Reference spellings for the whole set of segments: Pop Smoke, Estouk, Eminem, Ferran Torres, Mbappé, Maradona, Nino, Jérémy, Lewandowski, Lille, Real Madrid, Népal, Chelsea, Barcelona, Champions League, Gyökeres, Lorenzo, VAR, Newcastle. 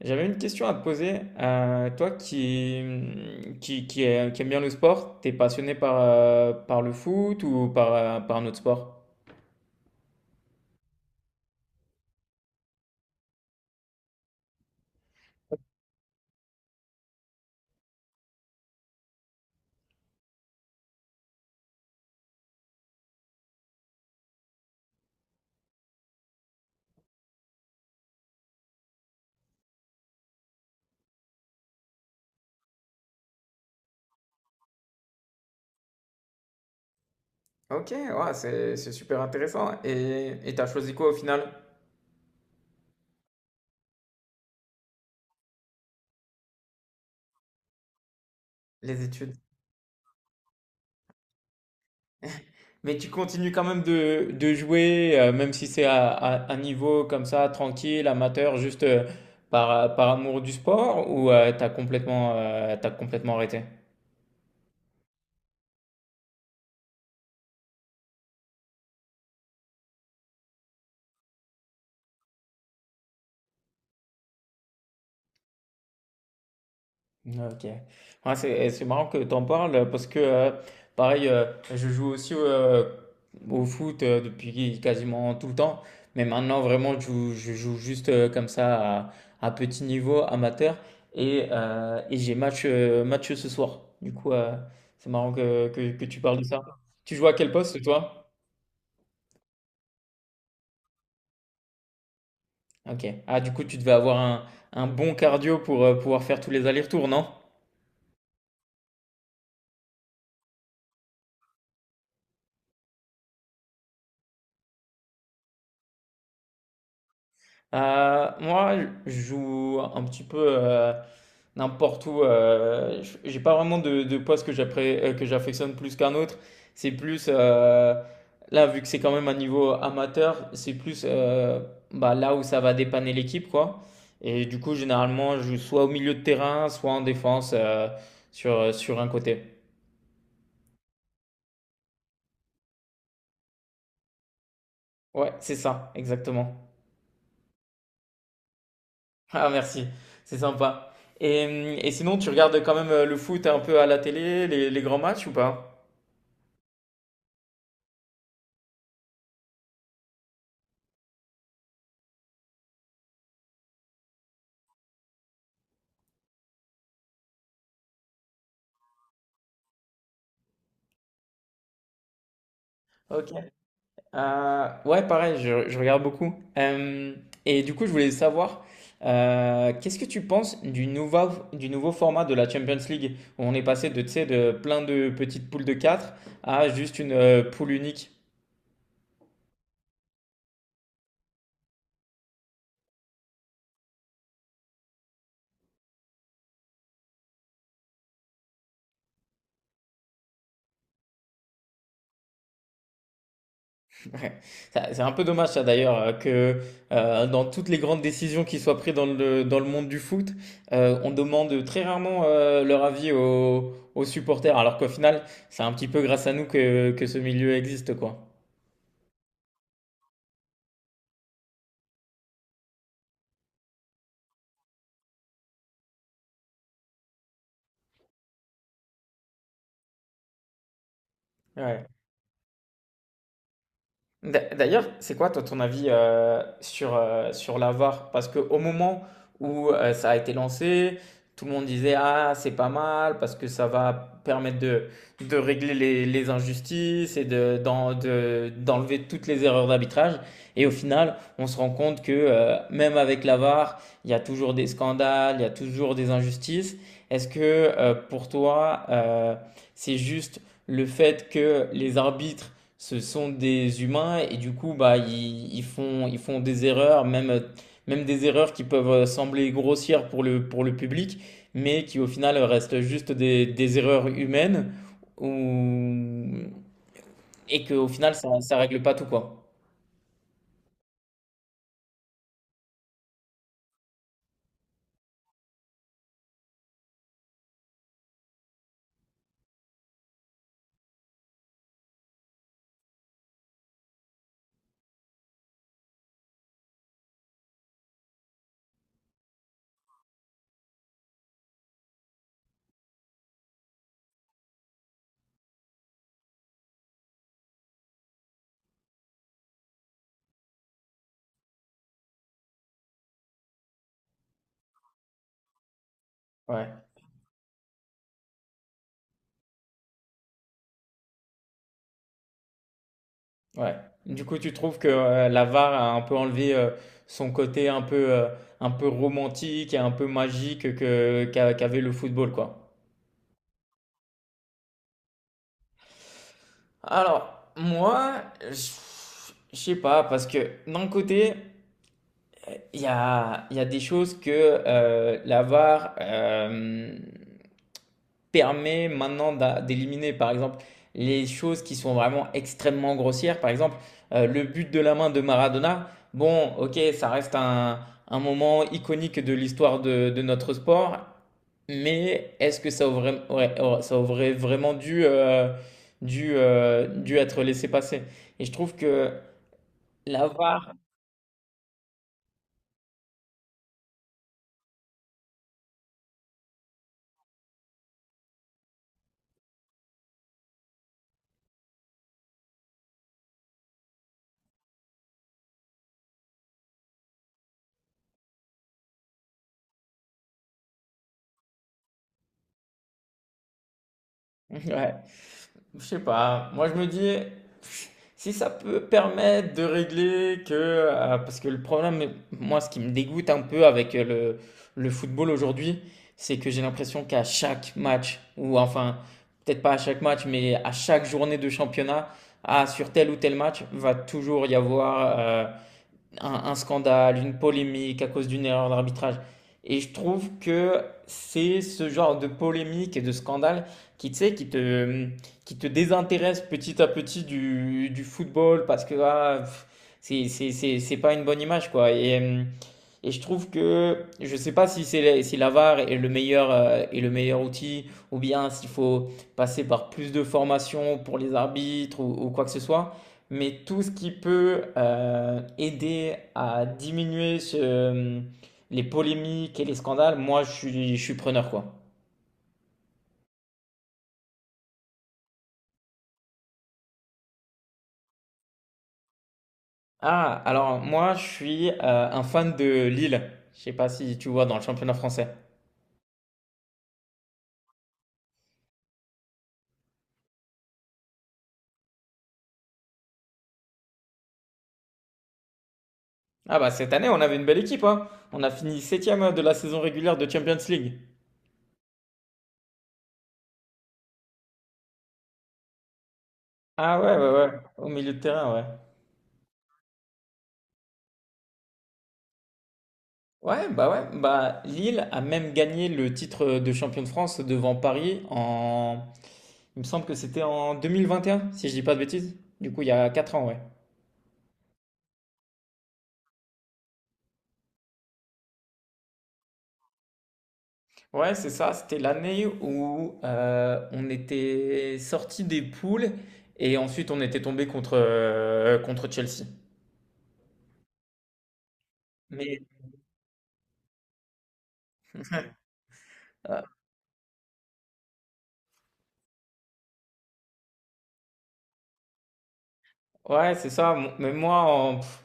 J'avais une question à te poser. Toi qui aime bien le sport, t'es passionné par, par le foot ou par, par un autre sport? Ok, ouais, c'est super intéressant. Et t'as choisi quoi au final? Les études. Mais tu continues quand même de jouer, même si c'est à un niveau comme ça, tranquille, amateur, juste par, par amour du sport, ou t'as complètement arrêté? OK. Ouais, c'est, eh, c'est marrant que tu en parles parce que, pareil, je joue aussi au foot depuis quasiment tout le temps. Mais maintenant, vraiment, je joue juste comme ça à petit niveau amateur. Et j'ai match, match ce soir. Du coup, c'est marrant que tu parles de ça. Tu joues à quel poste, toi? OK. Ah, du coup, tu devais avoir un bon cardio pour pouvoir faire tous les allers-retours, non? Moi, je joue un petit peu n'importe où. J'ai pas vraiment de poste que que j'affectionne plus qu'un autre. C'est plus, là, vu que c'est quand même un niveau amateur, c'est plus bah, là où ça va dépanner l'équipe, quoi. Et du coup, généralement, je joue soit au milieu de terrain, soit en défense sur, sur un côté. Ouais, c'est ça, exactement. Ah merci, c'est sympa. Et, hum, et sinon, tu regardes quand même le foot un peu à la télé, les grands matchs ou pas? Ok. Ouais, pareil, je regarde beaucoup. Et du coup, je voulais savoir, qu'est-ce que tu penses du nouveau format de la Champions League, où on est passé de, tu sais, de plein de petites poules de 4 à juste une poule unique? Ouais. Ça- C'est un peu dommage ça d'ailleurs que dans toutes les grandes décisions qui soient prises dans le monde du foot, on demande très rarement leur avis aux, aux supporters, alors qu'au final, c'est un petit peu grâce à nous que ce milieu existe, quoi. Ouais. D'a- D'ailleurs, c'est quoi toi ton avis sur, sur la VAR? Parce qu'au moment où ça a été lancé, tout le monde disait «Ah, c'est pas mal parce que ça va permettre de régler les injustices et de, d'enlever toutes les erreurs d'arbitrage.» Et au final, on se rend compte que même avec la VAR, il y a toujours des scandales, il y a toujours des injustices. Est-ce que pour toi, c'est juste le fait que les arbitres ce sont des humains et du coup, bah, ils, ils font des erreurs, même, même des erreurs qui peuvent sembler grossières pour le public, mais qui au final restent juste des erreurs humaines ou... et qu'au final, ça règle pas tout, quoi. Ouais, ouais. Du coup, tu trouves que la VAR a un peu enlevé son côté un peu romantique et un peu magique que, qu'avait le football, quoi. Alors, moi, je je sais pas, parce que d'un côté, il y a des choses que la VAR, permet maintenant d'éliminer, par exemple, les choses qui sont vraiment extrêmement grossières. Par exemple, le but de la main de Maradona, bon, ok, ça reste un moment iconique de l'histoire de notre sport, mais est-ce que ça aurait, ouais, ça aurait vraiment dû, dû être laissé passer? Et je trouve que la VAR, ouais. Je sais pas. Moi, je me dis, si ça peut permettre de régler que. Parce que le problème, moi, ce qui me dégoûte un peu avec le football aujourd'hui, c'est que j'ai l'impression qu'à chaque match, ou enfin, peut-être pas à chaque match, mais à chaque journée de championnat, ah, sur tel ou tel match, va toujours y avoir un scandale, une polémique à cause d'une erreur d'arbitrage. Et je trouve que c'est ce genre de polémique et de scandale qui, tu sais, qui te désintéresse petit à petit du football parce que ah, pff, c'est pas une bonne image, quoi. Et je trouve que je sais pas si c'est si la VAR est le meilleur outil ou bien s'il faut passer par plus de formation pour les arbitres ou quoi que ce soit. Mais tout ce qui peut aider à diminuer ce- les polémiques et les scandales, moi je suis preneur quoi. Ah, alors moi je suis un fan de Lille. Je sais pas si tu vois dans le championnat français. Ah bah cette année on avait une belle équipe hein. On a fini septième de la saison régulière de Champions League. Ah ouais ouais ouais, au milieu de terrain ouais. Ouais, bah Lille a même gagné le titre de champion de France devant Paris en, il me semble que c'était en 2021, si je dis pas de bêtises. Du coup, il y a 4 ans, ouais. Ouais, c'est ça, c'était l'année où on était sorti des poules et ensuite on était tombé contre, contre Chelsea. Mais, ouais, c'est ça. Mo- Mais moi, en, pff,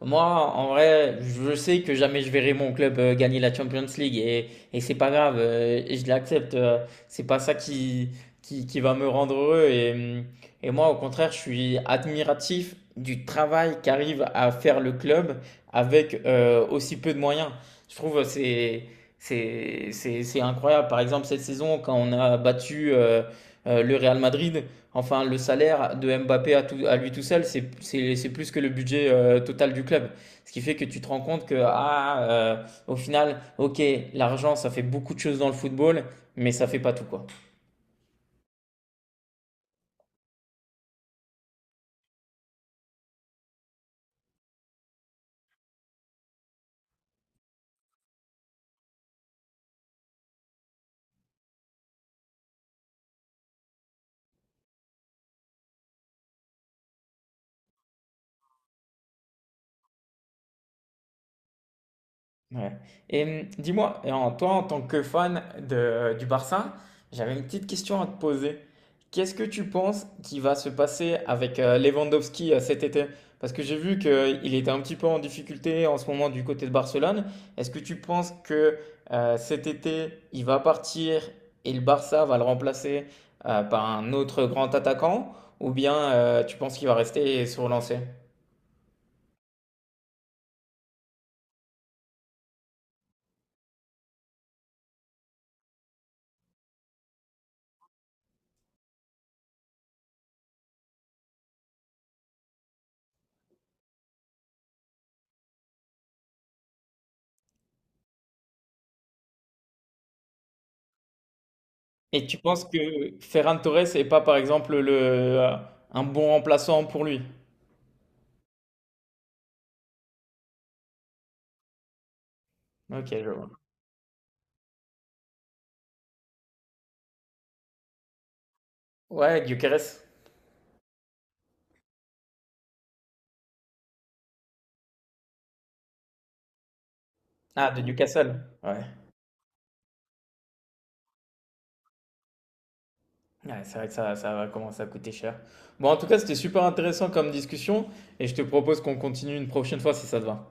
moi, en vrai, je sais que jamais je verrai mon club gagner la Champions League et c'est pas grave, et je l'accepte. C'est pas ça qui va me rendre heureux. Et moi, au contraire, je suis admiratif du travail qu'arrive à faire le club avec aussi peu de moyens. Je trouve que c'est incroyable. Par exemple, cette saison, quand on a battu le Real Madrid, enfin, le salaire de Mbappé à, à lui tout seul, c'est plus que le budget total du club. Ce qui fait que tu te rends compte que, ah, au final, ok, l'argent, ça fait beaucoup de choses dans le football, mais ça fait pas tout, quoi. Ouais. Et dis-moi, et en toi, en tant que fan de, du Barça, j'avais une petite question à te poser. Qu'est-ce que tu penses qui va se passer avec Lewandowski cet été? Parce que j'ai vu qu'il était un petit peu en difficulté en ce moment du côté de Barcelone. Est-ce que tu penses que cet été, il va partir et le Barça va le remplacer par un autre grand attaquant? Ou bien tu penses qu'il va rester et se relancer? Et tu penses que Ferran Torres est pas, par exemple, le, un bon remplaçant pour lui? Ok, je vois. Ouais, Gyökeres. Ah, de Newcastle. Ouais. Ouais, c'est vrai que ça va commencer à coûter cher. Bon, en tout cas, c'était super intéressant comme discussion et je te propose qu'on continue une prochaine fois si ça te va.